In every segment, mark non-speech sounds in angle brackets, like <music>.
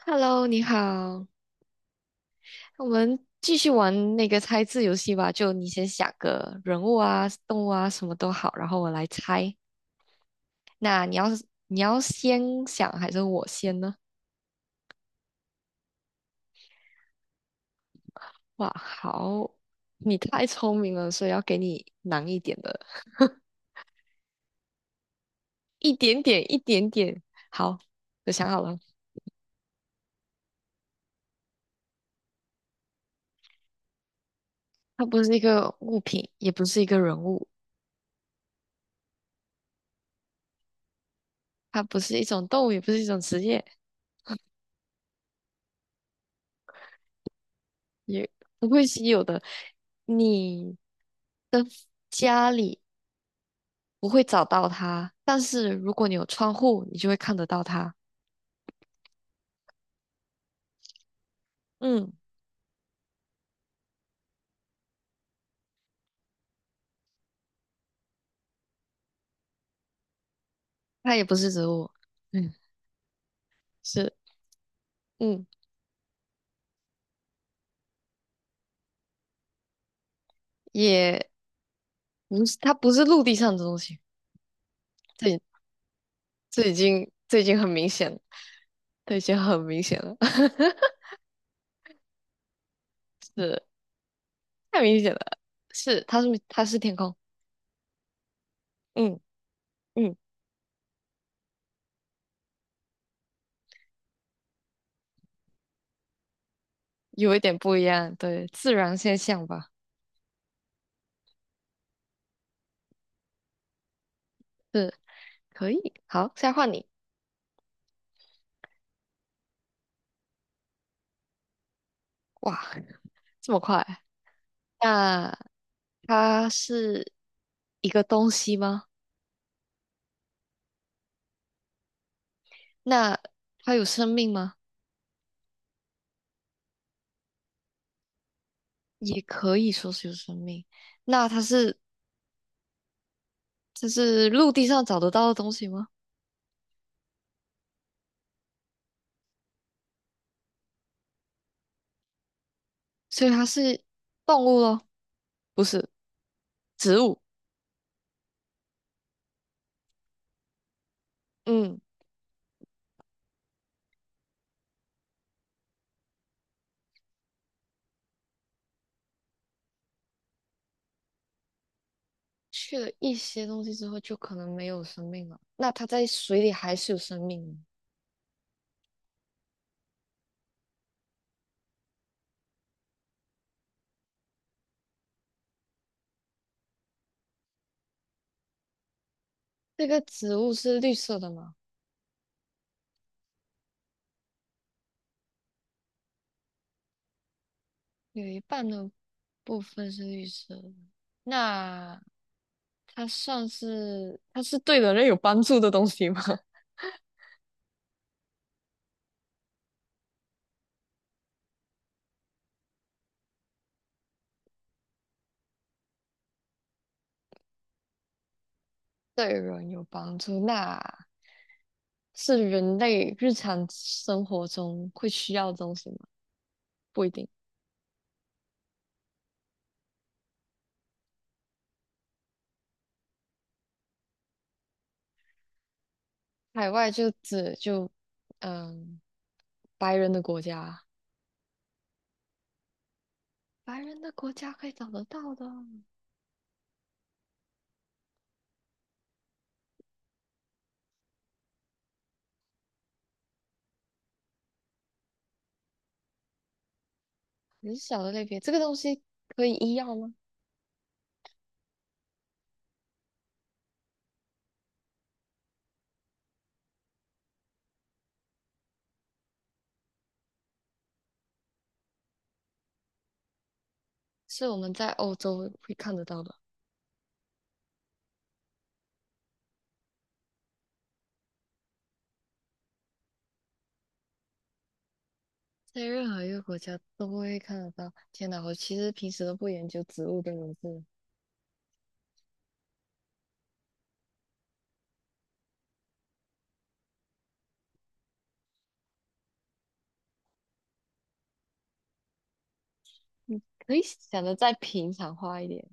Hello，你好，我们继续玩那个猜字游戏吧。就你先想个人物啊、动物啊，什么都好，然后我来猜。那你要是你要先想还是我先呢？哇，好，你太聪明了，所以要给你难一点的，<laughs> 一点点，一点点。好，我想好了，它不是一个物品，也不是一个人物，它不是一种动物，也不是一种职业，也不会稀有的。你的家里。不会找到它，但是如果你有窗户，你就会看得到它。嗯，它也不是植物，嗯，是，嗯，也不是，它不是陆地上的东西。这这已经这已经很明显了，这已经很明显了，<laughs> 是太明显了，它是天空，嗯嗯，有一点不一样，对，自然现象吧，是可以。好，现在换你，哇，这么快，那。它是一个东西吗？那它有生命吗？也可以说是有生命。那它是它是陆地上找得到的东西吗？所以它是动物咯，不是植物。嗯，去了一些东西之后，就可能没有生命了。那它在水里还是有生命的这个植物是绿色的吗？有一半的部分是绿色的。那它算是它是对人类有帮助的东西吗？<laughs> 对人有帮助，那是人类日常生活中会需要的东西吗？不一定。海外就指嗯，白人的国家，白人的国家可以找得到的很小的类别。这个东西可以医药吗？是我们在欧洲会看得到的，在任何一个国家都会看得到。天哪，我其实平时都不研究植物的名字，可以想的再平常化一点。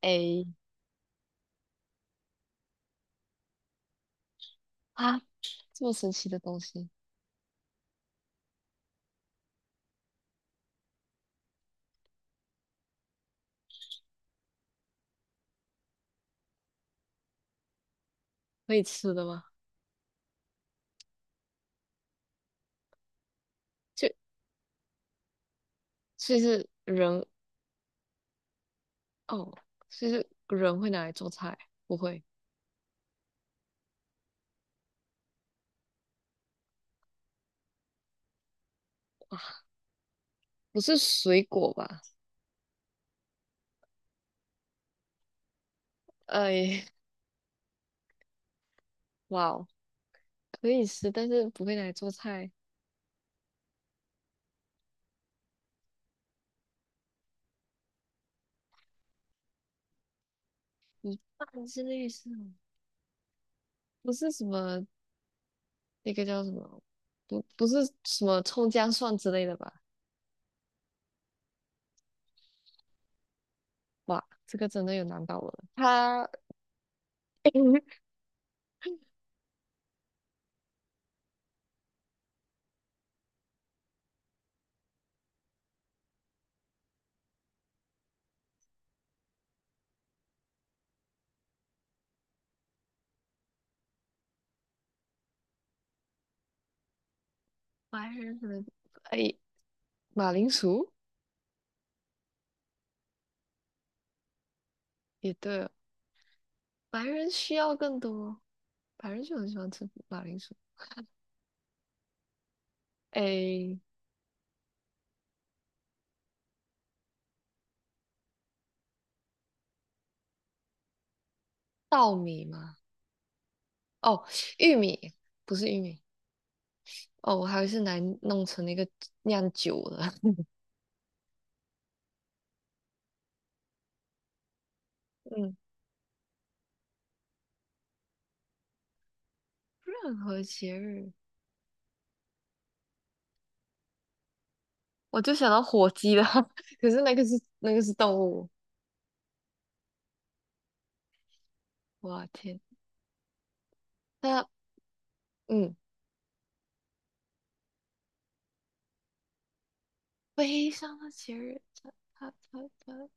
A， 啊，这么神奇的东西可以吃的吗？就其实人哦，其实人会拿来做菜，不会，不是水果吧？哎，哇哦，可以吃，但是不会拿来做菜，一半之类是吗？不是什么那个叫什么，不不是什么葱姜蒜之类的吧？哇，这个真的有难到我了。他 <coughs> <laughs> 白人可能哎，马铃薯也对哦，白人需要更多，白人就很喜欢吃马铃薯。哎，稻米嘛。哦，玉米不是玉米，哦，我还以为是来弄成那个酿酒的。<laughs> 嗯，任何节日，我就想到火鸡了，<laughs> 可是那个是动物。我天，那嗯，悲伤的节日，它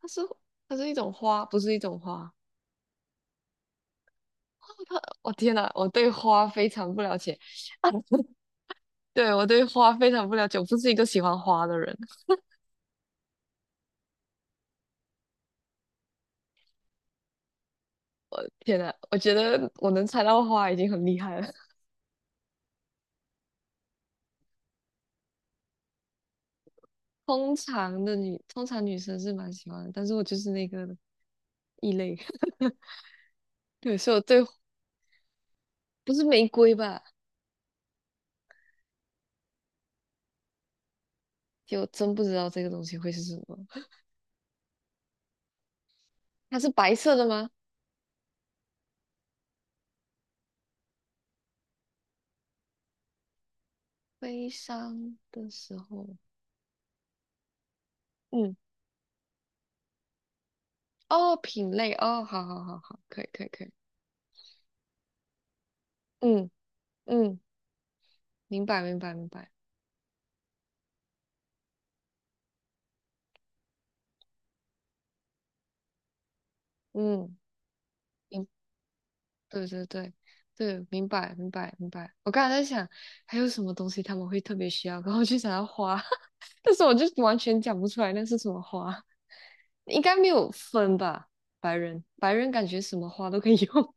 它是它是一种花，不是一种花。哦它，天呐，我对花非常不了解，对花非常不了解，我不是一个喜欢花的人。天呐，我觉得我能猜到花已经很厉害了。通常女生是蛮喜欢的，但是我就是那个异类。<laughs> 对，所以我对不是玫瑰吧？就我真不知道这个东西会是什么。它是白色的吗？悲伤的时候，嗯，哦，品类，哦，好好好好，可以可以可以，嗯嗯，明白明白明白，嗯，明白对对对对，明白明白明白。我刚才在想，还有什么东西他们会特别需要，<laughs> 然后就想要花，<laughs> 但是我就完全讲不出来那是什么花，应该没有分吧？白人感觉什么花都可以用，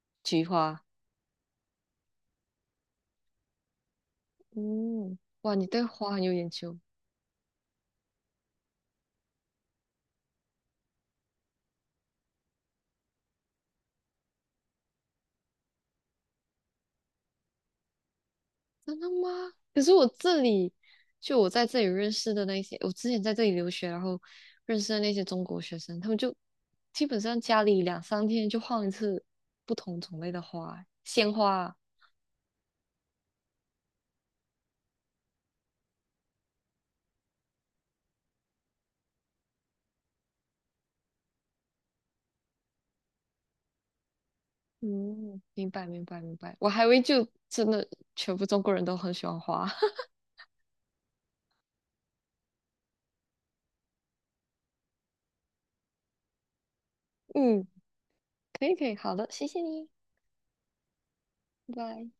<laughs> 菊花。嗯，哇，你对花很有研究。真的吗？可是我这里，就我在这里认识的那些，我之前在这里留学，然后认识的那些中国学生，他们就基本上家里两三天就换一次不同种类的花，鲜花。嗯，明白明白明白。我还以为就真的全部中国人都很喜欢花。<laughs> 嗯，可以可以，好的，谢谢你，拜拜。